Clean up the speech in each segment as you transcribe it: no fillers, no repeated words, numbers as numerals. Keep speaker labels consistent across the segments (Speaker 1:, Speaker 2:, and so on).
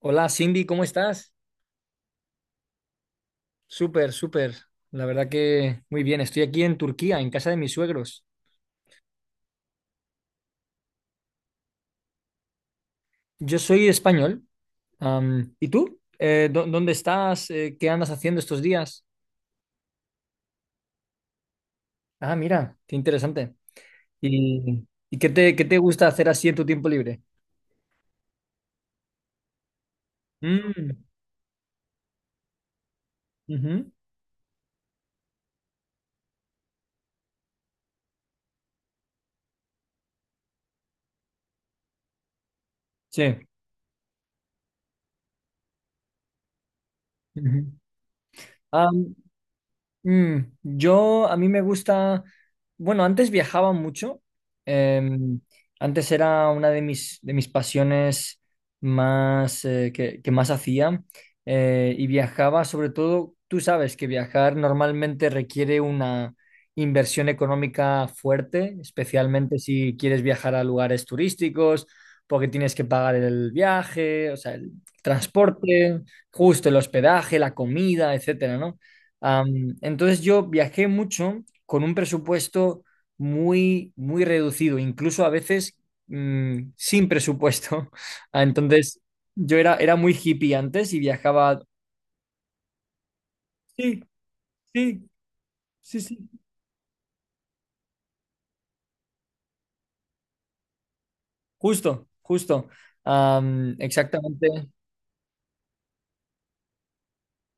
Speaker 1: Hola Cindy, ¿cómo estás? Súper, súper. La verdad que muy bien. Estoy aquí en Turquía, en casa de mis suegros. Yo soy español. ¿Y tú? Dónde estás? ¿Qué andas haciendo estos días? Ah, mira, qué interesante. ¿Y qué qué te gusta hacer así en tu tiempo libre? Mm, ujú. Sí. Ujú. Am, Mm, a mí me gusta, bueno, antes viajaba mucho, em, antes era una de de mis pasiones más, que más hacía, y viajaba sobre todo, tú sabes que viajar normalmente requiere una inversión económica fuerte, especialmente si quieres viajar a lugares turísticos, porque tienes que pagar el viaje, o sea, el transporte, justo el hospedaje, la comida, etcétera, ¿no? Entonces yo viajé mucho con un presupuesto muy, muy reducido, incluso a veces sin presupuesto. Entonces yo era muy hippie antes y viajaba... Sí, sí, sí, sí. Justo, justo. Exactamente.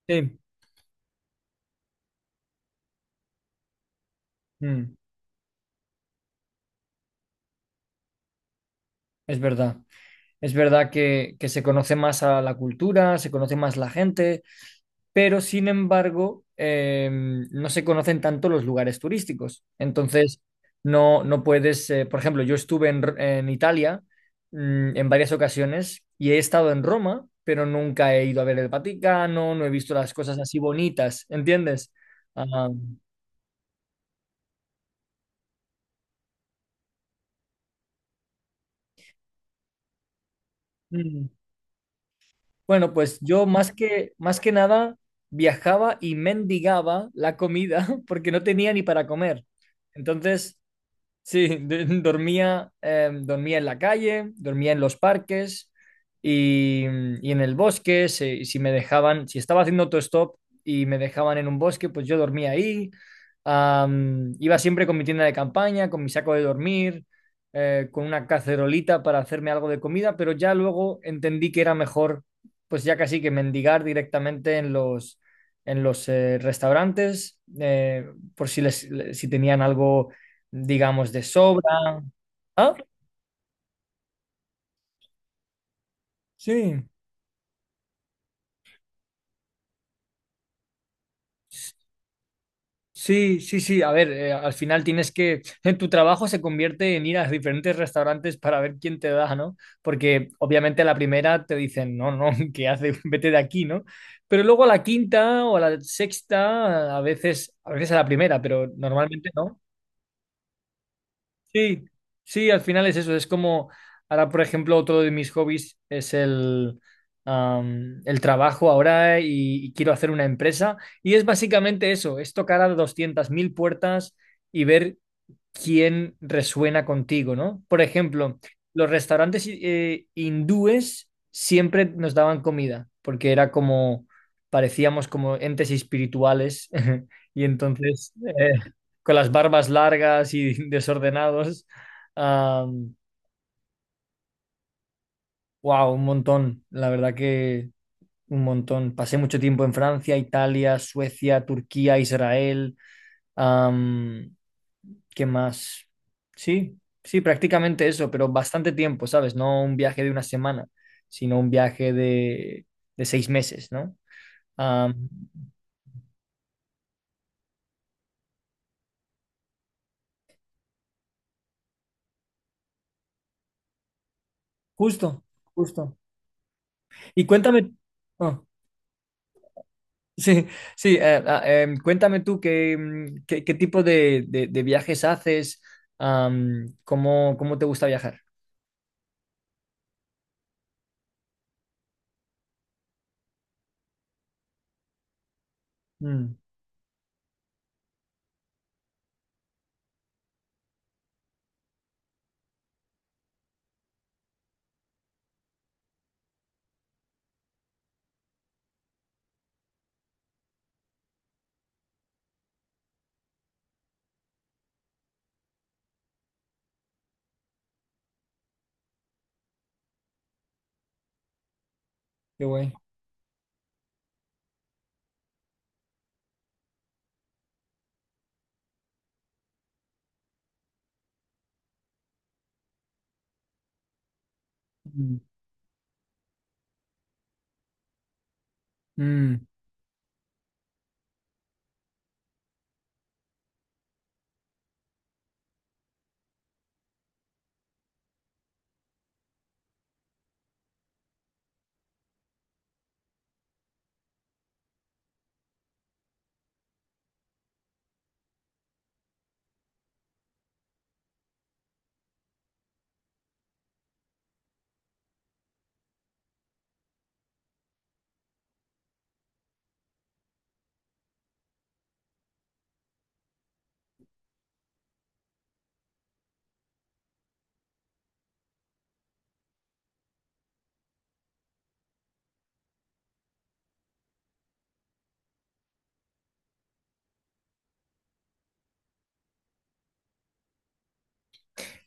Speaker 1: Sí, mm, es verdad. Es verdad que se conoce más a la cultura, se conoce más la gente, pero sin embargo no se conocen tanto los lugares turísticos. Entonces, no puedes, por ejemplo, yo estuve en Italia, mm, en varias ocasiones y he estado en Roma, pero nunca he ido a ver el Vaticano, no he visto las cosas así bonitas, ¿entiendes? Ah, mm. Bueno, pues yo más más que nada viajaba y mendigaba la comida porque no tenía ni para comer. Entonces, sí, dormía, dormía en la calle, dormía en los parques y, y en el bosque. Si me dejaban, si estaba haciendo autostop y me dejaban en un bosque, pues yo dormía ahí. Iba siempre con mi tienda de campaña, con mi saco de dormir, con una cacerolita para hacerme algo de comida, pero ya luego entendí que era mejor, pues ya casi que mendigar directamente en en los restaurantes, por si si tenían algo, digamos, de sobra. ¿Ah? Sí, sí, sí, sí. A ver, al final tienes que, en tu trabajo se convierte en ir a diferentes restaurantes para ver quién te da, ¿no? Porque obviamente a la primera te dicen, no, no, ¿qué haces? Vete de aquí, ¿no? Pero luego a la quinta o a la sexta, a veces, a veces a la primera, pero normalmente no. Sí, sí, al final es eso. Es como, ahora, por ejemplo, otro de mis hobbies es el trabajo ahora y quiero hacer una empresa. Y es básicamente eso, es tocar a 200.000 puertas y ver quién resuena contigo, ¿no? Por ejemplo, los restaurantes hindúes siempre nos daban comida, porque era como, parecíamos como entes espirituales, y entonces, eh, con las barbas largas y desordenados. Wow, un montón, la verdad que un montón. Pasé mucho tiempo en Francia, Italia, Suecia, Turquía, Israel. Am, ¿Qué más? Sí, sí, prácticamente eso, pero bastante tiempo, ¿sabes? No un viaje de una semana, sino un viaje de 6 meses, ¿no? Ah, justo, justo. Y cuéntame, ah, sí, sí, cuéntame tú qué, mm, qué, qué tipo de viajes haces, cómo, cómo te gusta viajar. Mm, qué guay. Mm. Mm.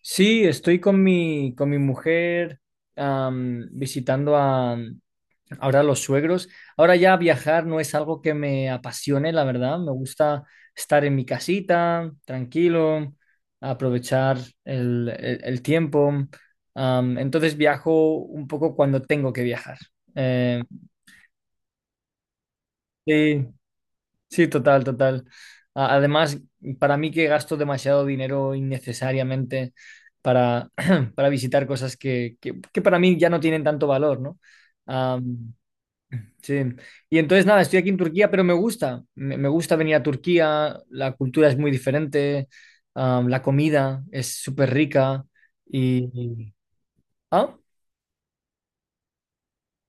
Speaker 1: Sí, estoy con con mi mujer, visitando a, ahora los suegros. Ahora ya viajar no es algo que me apasione, la verdad. Me gusta estar en mi casita, tranquilo, aprovechar el tiempo. Entonces viajo un poco cuando tengo que viajar. Eh, sí, sí, total, total. A- además, para mí que gasto demasiado dinero innecesariamente para, para visitar cosas que, que para mí ya no tienen tanto valor, ¿no? Sí, y entonces nada, estoy aquí en Turquía, pero me gusta, me gusta venir a Turquía, la cultura es muy diferente, la comida es súper rica y- Ah,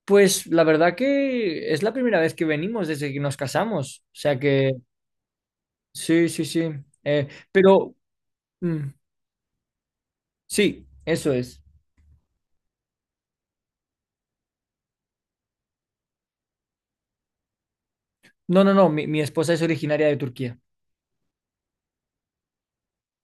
Speaker 1: pues la verdad que es la primera vez que venimos desde que nos casamos, o sea que sí, sí, sí, eh, pero mm, sí, eso es. No, no, no, mi esposa es originaria de Turquía.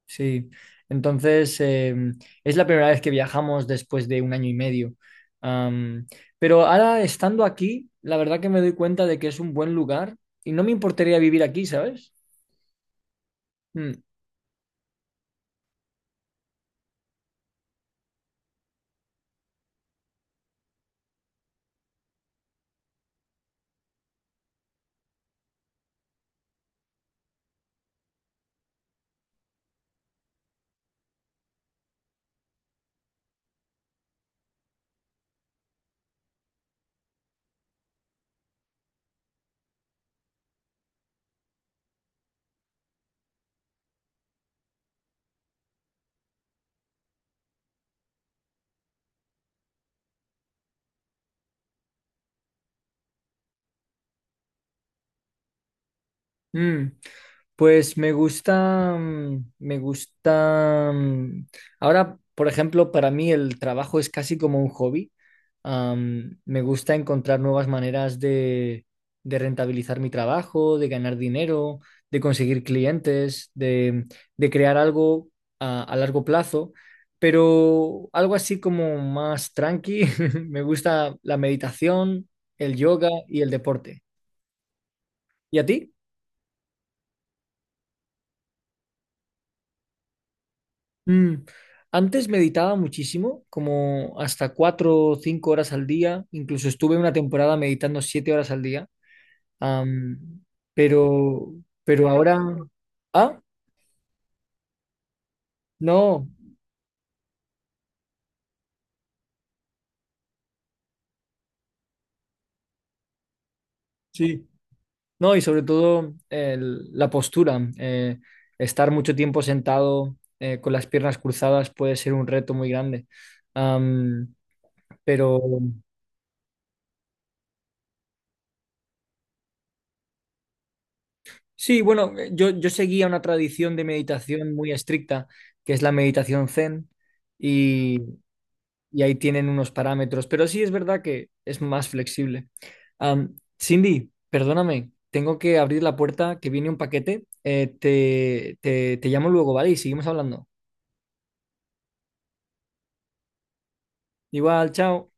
Speaker 1: Sí, entonces es la primera vez que viajamos después de 1 año y medio. Am, pero ahora estando aquí, la verdad que me doy cuenta de que es un buen lugar y no me importaría vivir aquí, ¿sabes? Mm, mm. Pues me gusta, mm, me gusta, mm, ahora, por ejemplo, para mí el trabajo es casi como un hobby. Me gusta encontrar nuevas maneras de rentabilizar mi trabajo, de ganar dinero, de conseguir clientes, de crear algo a largo plazo, pero algo así como más tranqui. Me gusta la meditación, el yoga y el deporte. ¿Y a ti? Mm, antes meditaba muchísimo, como hasta 4 o 5 horas al día. Incluso estuve una temporada meditando 7 horas al día. Am, pero, pero ahora, ah, no, sí, no, y sobre todo la postura. Estar mucho tiempo sentado, con las piernas cruzadas puede ser un reto muy grande. Am, pero sí, bueno, yo seguía una tradición de meditación muy estricta, que es la meditación Zen, y ahí tienen unos parámetros, pero sí es verdad que es más flexible. Am, Cindy, perdóname, tengo que abrir la puerta que viene un paquete. Te llamo luego, ¿vale? Y seguimos hablando. Igual, chao.